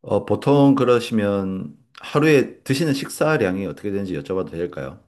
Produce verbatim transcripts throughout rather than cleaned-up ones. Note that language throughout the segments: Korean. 어, 보통 그러시면 하루에 드시는 식사량이 어떻게 되는지 여쭤봐도 될까요?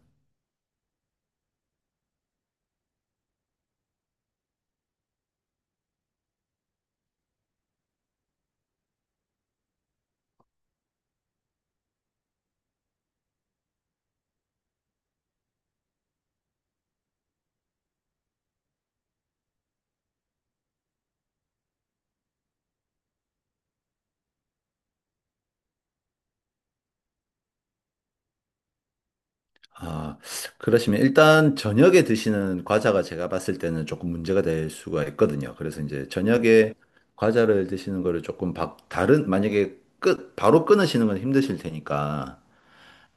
아, 그러시면 일단 저녁에 드시는 과자가 제가 봤을 때는 조금 문제가 될 수가 있거든요. 그래서 이제 저녁에 과자를 드시는 거를 조금 바, 다른, 만약에 끝, 바로 끊으시는 건 힘드실 테니까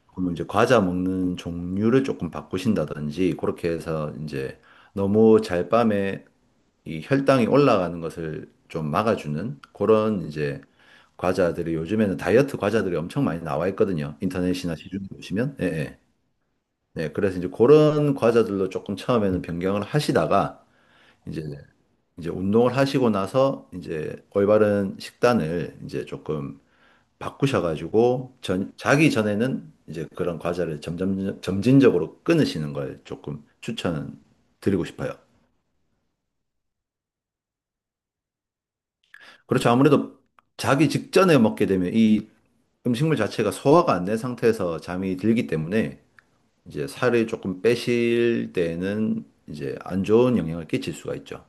그러면 이제 과자 먹는 종류를 조금 바꾸신다든지 그렇게 해서 이제 너무 잘 밤에 이 혈당이 올라가는 것을 좀 막아주는 그런 이제 과자들이 요즘에는 다이어트 과자들이 엄청 많이 나와 있거든요. 인터넷이나 시중에 보시면. 예, 예. 네, 그래서 이제 그런 과자들로 조금 처음에는 변경을 하시다가 이제 이제 운동을 하시고 나서 이제 올바른 식단을 이제 조금 바꾸셔가지고 전, 자기 전에는 이제 그런 과자를 점점 점진적으로 끊으시는 걸 조금 추천 드리고 싶어요. 그렇죠. 아무래도 자기 직전에 먹게 되면 이 음식물 자체가 소화가 안 된 상태에서 잠이 들기 때문에 이제 살을 조금 빼실 때에는 이제 안 좋은 영향을 끼칠 수가 있죠.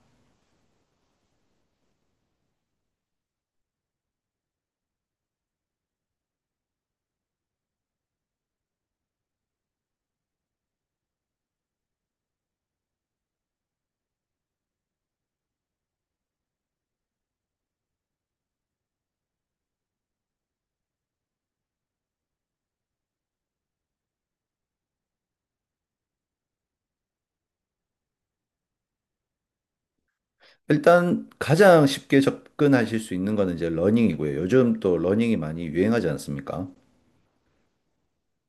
일단 가장 쉽게 접근하실 수 있는 거는 이제 러닝이고요. 요즘 또 러닝이 많이 유행하지 않습니까?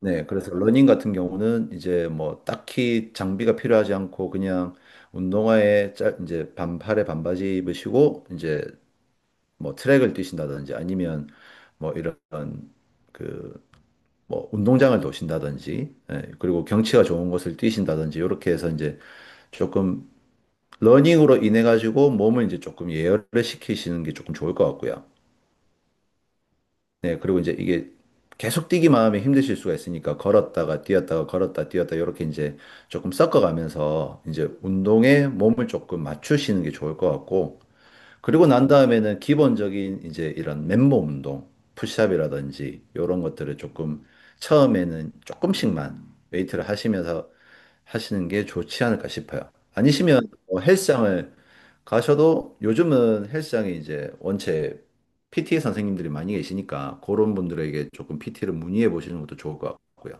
네, 그래서 러닝 같은 경우는 이제 뭐 딱히 장비가 필요하지 않고 그냥 운동화에 짜, 이제 반팔에 반바지 입으시고 이제 뭐 트랙을 뛰신다든지 아니면 뭐 이런 그 뭐 운동장을 도신다든지 예, 그리고 경치가 좋은 곳을 뛰신다든지 이렇게 해서 이제 조금 러닝으로 인해 가지고 몸을 이제 조금 예열을 시키시는 게 조금 좋을 것 같고요. 네, 그리고 이제 이게 계속 뛰기만 하면 힘드실 수가 있으니까 걸었다가 뛰었다가 걸었다 뛰었다 이렇게 이제 조금 섞어가면서 이제 운동에 몸을 조금 맞추시는 게 좋을 것 같고 그리고 난 다음에는 기본적인 이제 이런 맨몸 운동, 푸시업이라든지 이런 것들을 조금 처음에는 조금씩만 웨이트를 하시면서 하시는 게 좋지 않을까 싶어요. 아니시면 음. 뭐 헬스장을 가셔도 요즘은 헬스장에 이제 원체 피티 선생님들이 많이 계시니까 그런 분들에게 조금 피티를 문의해 보시는 것도 좋을 것 같고요.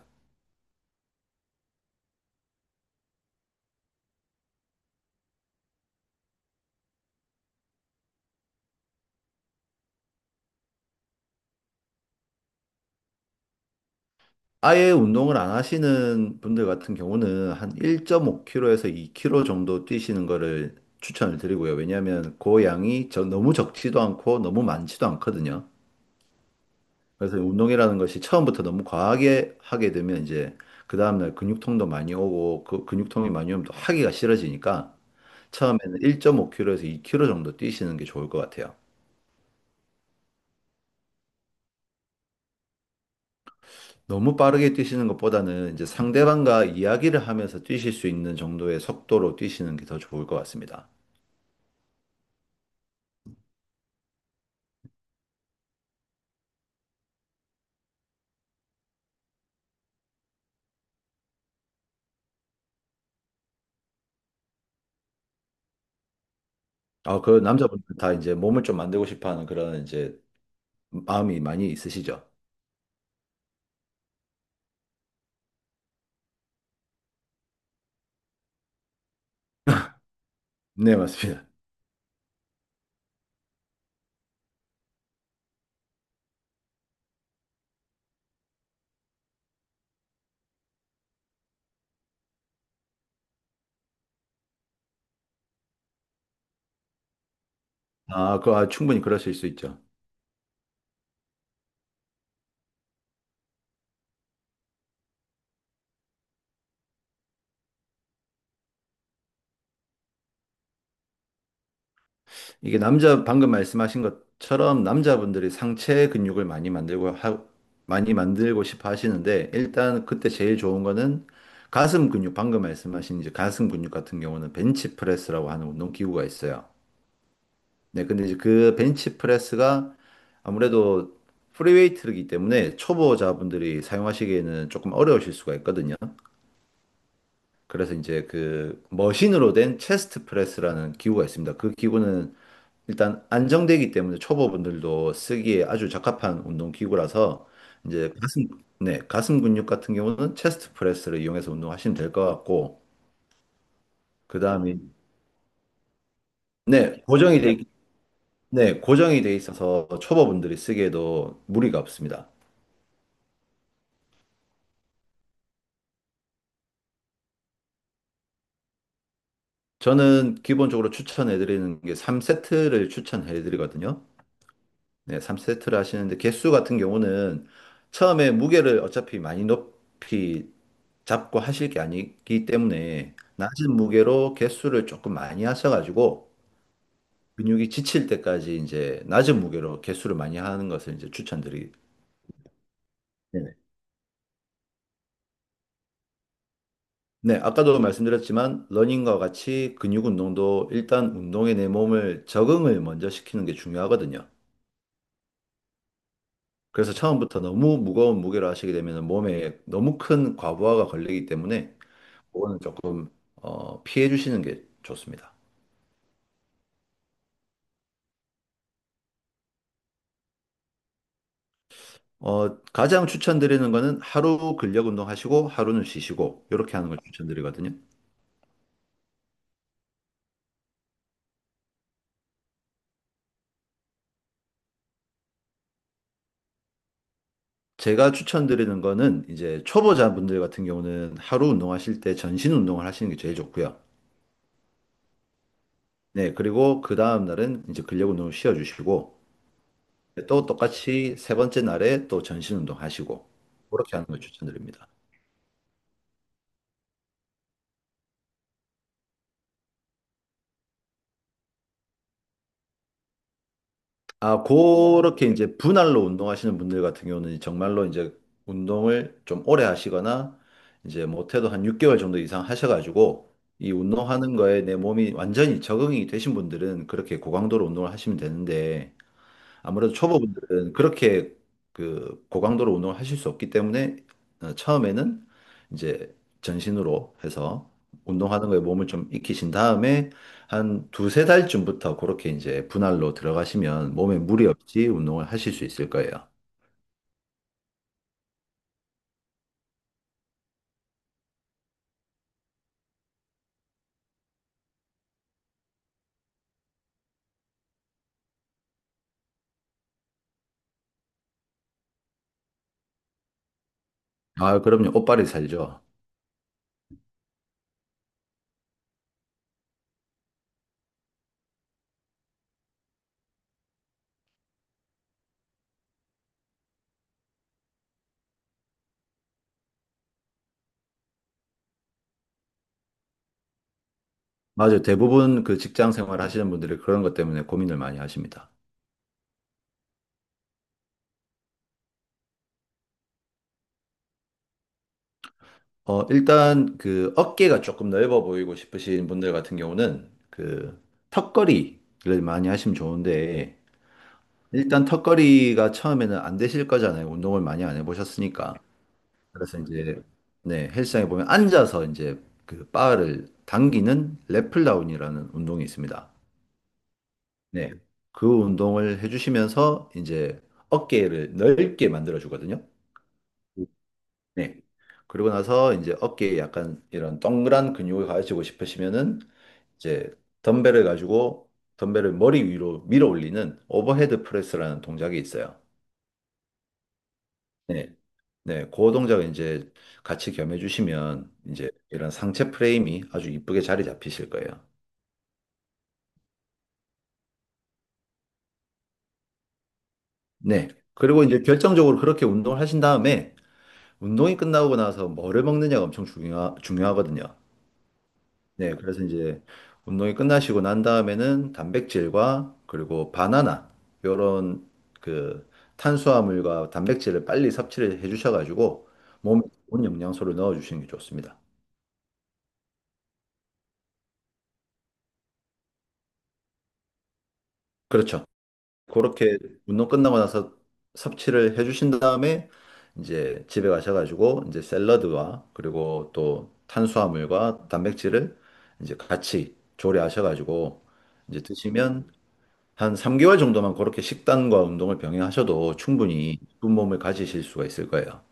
아예 운동을 안 하시는 분들 같은 경우는 한 일 점 오 킬로미터에서 이 킬로미터 정도 뛰시는 거를 추천을 드리고요. 왜냐하면 그 양이 저- 너무 적지도 않고 너무 많지도 않거든요. 그래서 운동이라는 것이 처음부터 너무 과하게 하게 되면 이제 그 다음날 근육통도 많이 오고 그 근육통이 많이 오면 또 하기가 싫어지니까 처음에는 일 점 오 킬로미터에서 이 킬로미터 정도 뛰시는 게 좋을 것 같아요. 너무 빠르게 뛰시는 것보다는 이제 상대방과 이야기를 하면서 뛰실 수 있는 정도의 속도로 뛰시는 게 더 좋을 것 같습니다. 아, 그 남자분들 다 이제 몸을 좀 만들고 싶어 하는 그런 이제 마음이 많이 있으시죠? 네, 맞습니다. 아, 그 아, 충분히 그러실 수 있죠. 이게 남자 방금 말씀하신 것처럼 남자분들이 상체 근육을 많이 만들고 하, 많이 만들고 싶어 하시는데 일단 그때 제일 좋은 거는 가슴 근육 방금 말씀하신 이제 가슴 근육 같은 경우는 벤치프레스라고 하는 운동 기구가 있어요. 네, 근데 이제 그 벤치 프레스가 아무래도 프리웨이트이기 때문에 초보자분들이 사용하시기에는 조금 어려우실 수가 있거든요. 그래서 이제 그 머신으로 된 체스트 프레스라는 기구가 있습니다. 그 기구는 일단 안정되기 때문에 초보분들도 쓰기에 아주 적합한 운동 기구라서 이제 가슴, 네, 가슴 근육 같은 경우는 체스트 프레스를 이용해서 운동하시면 될 것 같고, 그 다음에, 네, 고정이 돼, 있- 네, 고정이 돼 있어서 초보분들이 쓰기에도 무리가 없습니다. 저는 기본적으로 추천해드리는 게 삼 세트를 추천해드리거든요. 네, 삼 세트를 하시는데 개수 같은 경우는 처음에 무게를 어차피 많이 높이 잡고 하실 게 아니기 때문에 낮은 무게로 개수를 조금 많이 하셔가지고 근육이 지칠 때까지 이제 낮은 무게로 개수를 많이 하는 것을 이제 추천드리. 네네. 네, 아까도 말씀드렸지만 러닝과 같이 근육 운동도 일단 운동에 내 몸을 적응을 먼저 시키는 게 중요하거든요. 그래서 처음부터 너무 무거운 무게를 하시게 되면 몸에 너무 큰 과부하가 걸리기 때문에 그거는 조금 어, 피해 주시는 게 좋습니다. 어, 가장 추천드리는 거는 하루 근력 운동 하시고 하루는 쉬시고 이렇게 하는 걸 추천드리거든요. 제가 추천드리는 거는 이제 초보자분들 같은 경우는 하루 운동하실 때 전신 운동을 하시는 게 제일 좋고요. 네, 그리고 그 다음 날은 이제 근력 운동을 쉬어 주시고 또 똑같이 세 번째 날에 또 전신 운동 하시고 그렇게 하는 걸 추천드립니다. 아, 그렇게 이제 분할로 운동하시는 분들 같은 경우는 정말로 이제 운동을 좀 오래 하시거나 이제 못해도 한 육 개월 정도 이상 하셔가지고 이 운동하는 거에 내 몸이 완전히 적응이 되신 분들은 그렇게 고강도로 운동을 하시면 되는데 아무래도 초보분들은 그렇게 그 고강도로 운동을 하실 수 없기 때문에 어, 처음에는 이제 전신으로 해서 운동하는 거에 몸을 좀 익히신 다음에 한 두세 달쯤부터 그렇게 이제 분할로 들어가시면 몸에 무리 없이 운동을 하실 수 있을 거예요. 아, 그럼요. 옷빨이 살죠. 맞아요. 대부분 그 직장 생활 하시는 분들이 그런 것 때문에 고민을 많이 하십니다. 어, 일단 그 어깨가 조금 넓어 보이고 싶으신 분들 같은 경우는 그 턱걸이를 많이 하시면 좋은데 일단 턱걸이가 처음에는 안 되실 거잖아요. 운동을 많이 안 해보셨으니까. 그래서 이제 네, 헬스장에 보면 앉아서 이제 그 바를 당기는 랩플다운이라는 운동이 있습니다. 네. 그 운동을 해주시면서 이제 어깨를 넓게 만들어 주거든요. 네. 그리고 나서 이제 어깨에 약간 이런 동그란 근육을 가지고 싶으시면은 이제 덤벨을 가지고 덤벨을 머리 위로 밀어 올리는 오버헤드 프레스라는 동작이 있어요. 네. 네. 그 동작을 이제 같이 겸해 주시면 이제 이런 상체 프레임이 아주 이쁘게 자리 잡히실 거예요. 네. 그리고 이제 결정적으로 그렇게 운동을 하신 다음에 운동이 끝나고 나서 뭐를 먹느냐가 엄청 중요, 중요하거든요. 네, 그래서 이제 운동이 끝나시고 난 다음에는 단백질과 그리고 바나나 요런 그 탄수화물과 단백질을 빨리 섭취를 해 주셔가지고 몸에 좋은 영양소를 넣어 주시는 게 좋습니다. 그렇죠. 그렇게 운동 끝나고 나서 섭취를 해 주신 다음에 이제 집에 가셔가지고 이제 샐러드와 그리고 또 탄수화물과 단백질을 이제 같이 조리하셔가지고 이제 드시면 한 삼 개월 정도만 그렇게 식단과 운동을 병행하셔도 충분히 이쁜 몸을 가지실 수가 있을 거예요.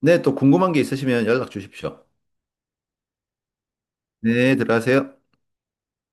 네, 또 궁금한 게 있으시면 연락 주십시오. 네, 들어가세요.